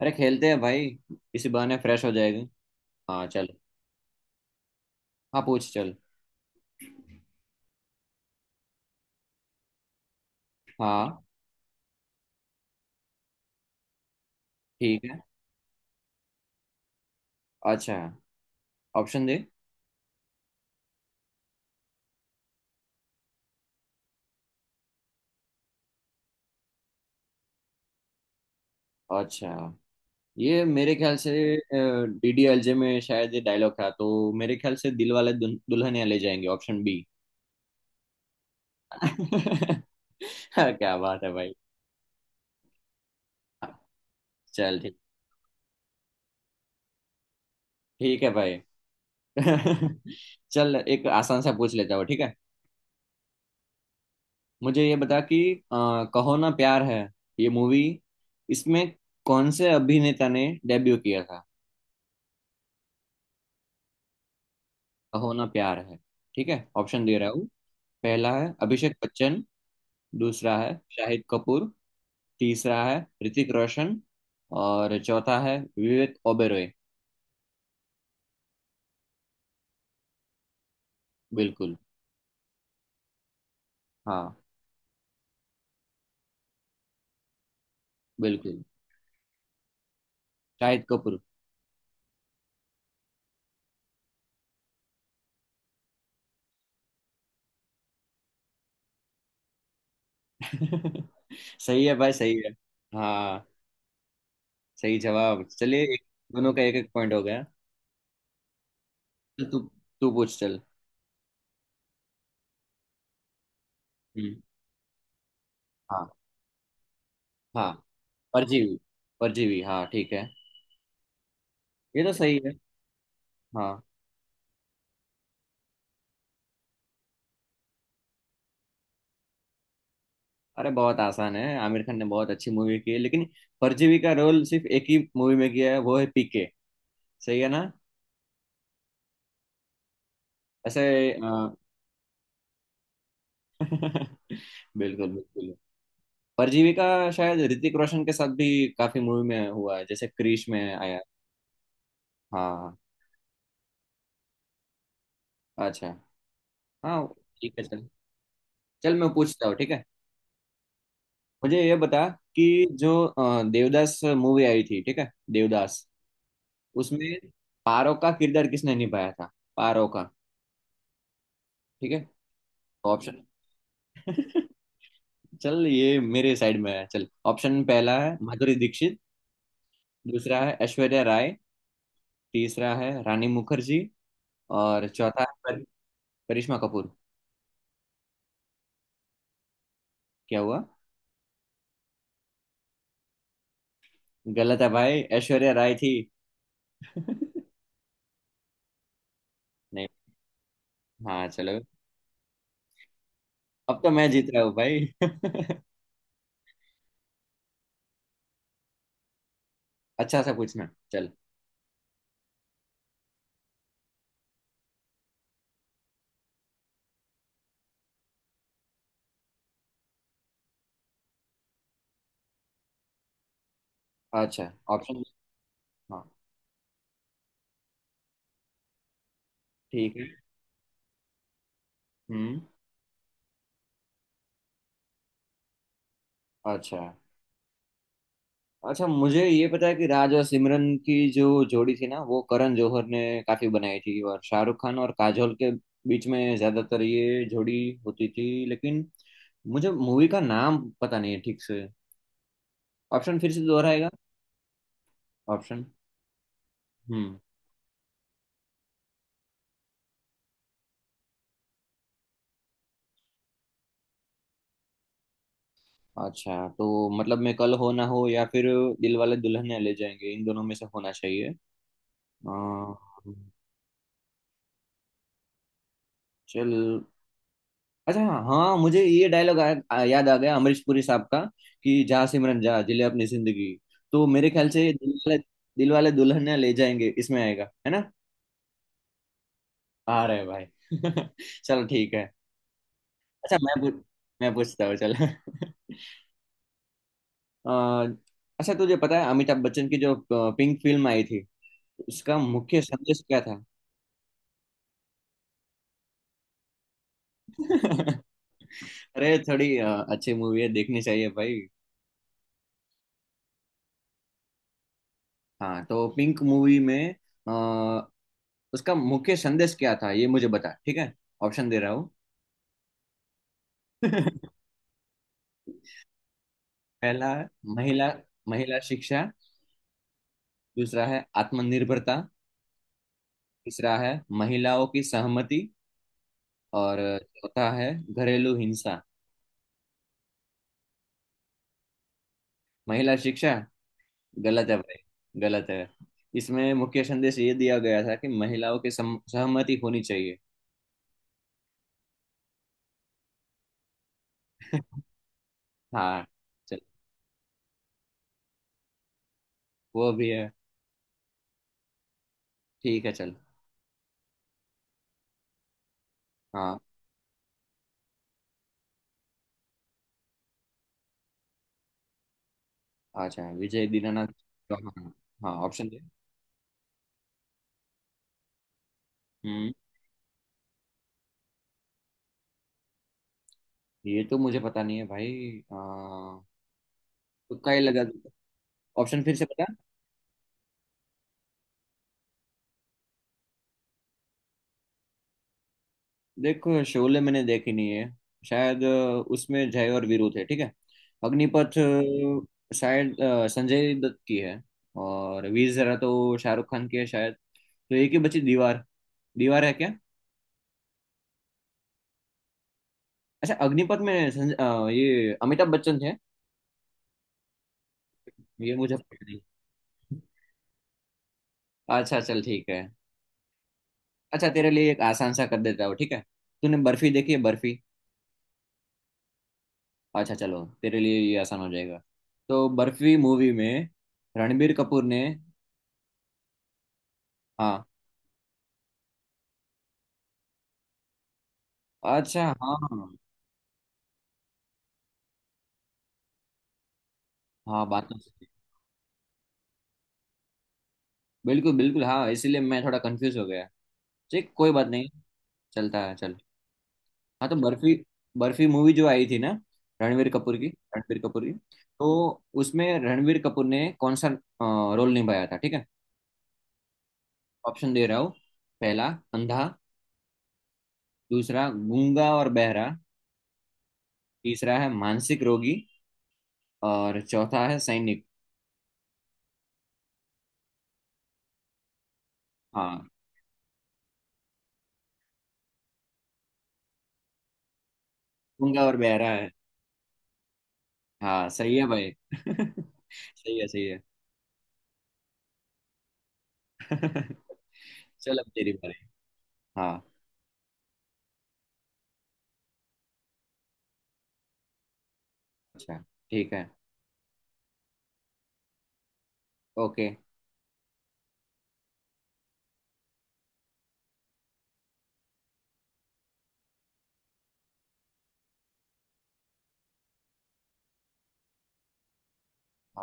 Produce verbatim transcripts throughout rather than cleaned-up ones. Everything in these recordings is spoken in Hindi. अरे खेलते हैं भाई। इसी बहाने फ्रेश हो जाएगी। हाँ चल। हाँ पूछ चल। हाँ ठीक है। अच्छा ऑप्शन दे। अच्छा, ये मेरे ख्याल से डी डी एल जे में शायद ये डायलॉग था, तो मेरे ख्याल से दिल वाले दुल- दुल्हनिया ले जाएंगे, ऑप्शन बी। क्या बात है भाई। हाँ, चल ठीक। ठीक है भाई। चल एक आसान सा पूछ लेता हूँ, ठीक है। मुझे ये बता कि अ, कहो ना प्यार है, ये मूवी, इसमें कौन से अभिनेता ने डेब्यू किया था। कहो ना प्यार है, ठीक है ऑप्शन दे रहा हूँ। पहला है अभिषेक बच्चन। दूसरा है शाहिद कपूर। तीसरा है ऋतिक रोशन। और चौथा है विवेक ओबेरॉय। बिल्कुल। हाँ। बिल्कुल। शाहिद कपूर। सही है भाई, सही है। हाँ, सही जवाब। चलिए, एक दोनों का एक एक पॉइंट हो गया। तो तू तू पूछ चल। हम्म। हाँ हाँ। परजीवी। परजीवी, हाँ ठीक है। ये तो सही है। हाँ। अरे बहुत आसान है, आमिर खान ने बहुत अच्छी मूवी की है, लेकिन परजीवी का रोल सिर्फ एक ही मूवी में किया है, वो है पी के। सही है ना। ऐसे। अ, बिल्कुल बिल्कुल। परजीवी का शायद ऋतिक रोशन के साथ भी काफी मूवी में हुआ है, जैसे क्रिश में आया। हाँ। अच्छा। हाँ। ठीक है चल। चल मैं पूछता हूँ, ठीक है। मुझे ये बता कि जो अ, देवदास मूवी आई थी, ठीक है, देवदास, उसमें पारो का किरदार किसने निभाया था। पारो का, ठीक है, ऑप्शन। चल, ये मेरे साइड में है चल। ऑप्शन पहला है माधुरी दीक्षित। दूसरा है ऐश्वर्या राय। तीसरा है रानी मुखर्जी। और चौथा है पर, करिश्मा कपूर। क्या हुआ। गलत है भाई, ऐश्वर्या राय थी। नहीं। हाँ चलो। अब तो मैं जीत रहा हूँ भाई। अच्छा सा पूछना चल। अच्छा। ऑप्शन। हाँ ठीक है। हम्म। अच्छा। अच्छा, मुझे ये पता है कि राज और सिमरन की जो जोड़ी थी ना, वो करण जौहर ने काफी बनाई थी, और शाहरुख खान और काजोल के बीच में ज्यादातर ये जोड़ी होती थी, लेकिन मुझे मूवी का नाम पता नहीं है ठीक से। ऑप्शन फिर से दोहराएगा। ऑप्शन। हम्म। अच्छा, तो मतलब मैं कल हो ना हो या फिर दिल वाले दुल्हनिया ले जाएंगे, इन दोनों में से होना चाहिए। अ, चल। अच्छा। हाँ हाँ, मुझे ये डायलॉग याद आ गया, अमरीश पुरी साहब का, कि जा सिमरन जा, जिले अपनी जिंदगी। तो मेरे ख्याल से दिल वाले दिल वाले दुल्हनिया ले जाएंगे, इसमें आएगा, है ना। आ रहे भाई। चलो, ठीक है। अच्छा, मैं पूछ मैं पूछता हूँ चल। अ, अच्छा, तुझे पता है अमिताभ बच्चन की जो पिंक फिल्म आई थी, उसका मुख्य संदेश क्या था। अरे थोड़ी अ, अच्छी मूवी है, देखनी चाहिए भाई। हाँ, तो पिंक मूवी में उसका मुख्य संदेश क्या था, ये मुझे बता, ठीक है ऑप्शन दे रहा हूँ। पहला है महिला महिला शिक्षा। दूसरा है आत्मनिर्भरता। तीसरा है महिलाओं की सहमति। और चौथा है घरेलू हिंसा। महिला शिक्षा गलत है भाई, गलत है। इसमें मुख्य संदेश ये दिया गया था कि महिलाओं की सम- सहमति होनी चाहिए। हाँ चल। वो भी है। ठीक है चल। हाँ। अच्छा, विजय दीनानाथ। हाँ हाँ, ऑप्शन दे। हम्म। ये तो मुझे पता नहीं है भाई, आ, तुक्का ही लगा दूंगा। ऑप्शन फिर से बता। देखो, शोले मैंने देखी नहीं है। शायद अ, उसमें जय और वीरू थे, ठीक है। अग्निपथ अ, शायद अ, संजय दत्त की है। और वीर ज़रा तो शाहरुख खान की है शायद, तो एक ही बची दीवार। दीवार है क्या। अच्छा, अग्निपथ में संज- अ, ये अमिताभ बच्चन थे। ये मुझे पता नहीं। अच्छा, चल ठीक है। अच्छा, तेरे लिए एक आसान सा कर देता हूँ, ठीक है। तूने बर्फी देखी है, बर्फी। अच्छा चलो, तेरे लिए ये आसान हो जाएगा। तो बर्फी मूवी में रणबीर कपूर ने। हाँ। अच्छा। हाँ। हाँ, बात तो सही है। बिल्कुल बिल्कुल, हाँ, इसीलिए मैं थोड़ा कंफ्यूज हो गया। ठीक, कोई बात नहीं। चलता है, चल। हाँ, तो बर्फी बर्फी मूवी जो आई थी ना, रणबीर कपूर की। रणबीर कपूर की तो उसमें रणबीर कपूर ने कौन सा रोल निभाया था, ठीक है। ऑप्शन दे रहा हूँ। पहला, अंधा। दूसरा, गूंगा और बहरा। तीसरा है मानसिक रोगी। और चौथा है सैनिक। हाँ, गूंगा और बहरा है। हाँ, सही है भाई। सही है, सही है। चल, अब तेरी बारी। हाँ। अच्छा। ठीक है। ओके।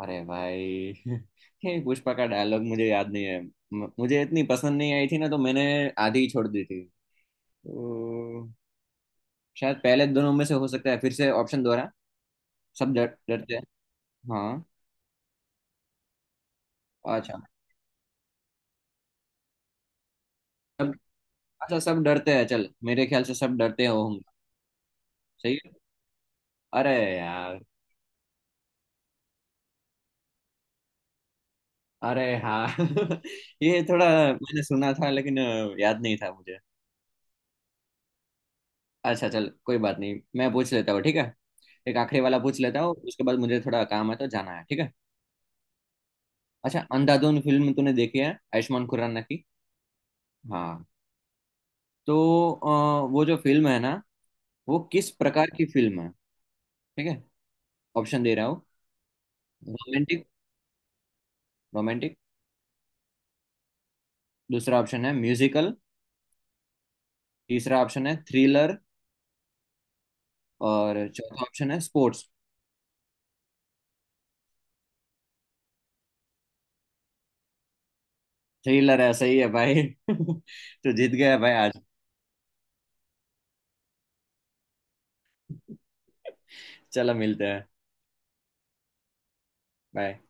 अरे भाई। ये पुष्पा का डायलॉग मुझे याद नहीं है, म- मुझे इतनी पसंद नहीं आई थी ना, तो मैंने आधी ही छोड़ दी थी। तो शायद पहले दोनों में से हो सकता है, फिर से ऑप्शन दोहरा। सब डर डरते हैं। हाँ। अच्छा, सब। अच्छा, सब डरते हैं, चल, मेरे ख्याल से सब डरते होंगे। सही है। अरे यार। अरे हाँ। ये थोड़ा मैंने सुना था, लेकिन अ, याद नहीं था मुझे। अच्छा, चल कोई बात नहीं, मैं पूछ लेता हूँ ठीक है। एक आखिरी वाला पूछ लेता हूँ, उसके बाद मुझे थोड़ा काम है तो जाना है, ठीक है। अच्छा, अंधाधुन फिल्म तूने देखी है, आयुष्मान खुराना की। हाँ। तो अ, वो जो फिल्म है ना, वो किस प्रकार की फिल्म है, ठीक है ऑप्शन दे रहा हूँ। Romantic romantic. दूसरा ऑप्शन है म्यूजिकल। तीसरा ऑप्शन है थ्रिलर। और चौथा ऑप्शन है स्पोर्ट्स। थ्रिलर है, सही है भाई। तो जीत गया भाई आज। चलो, मिलते हैं। बाय।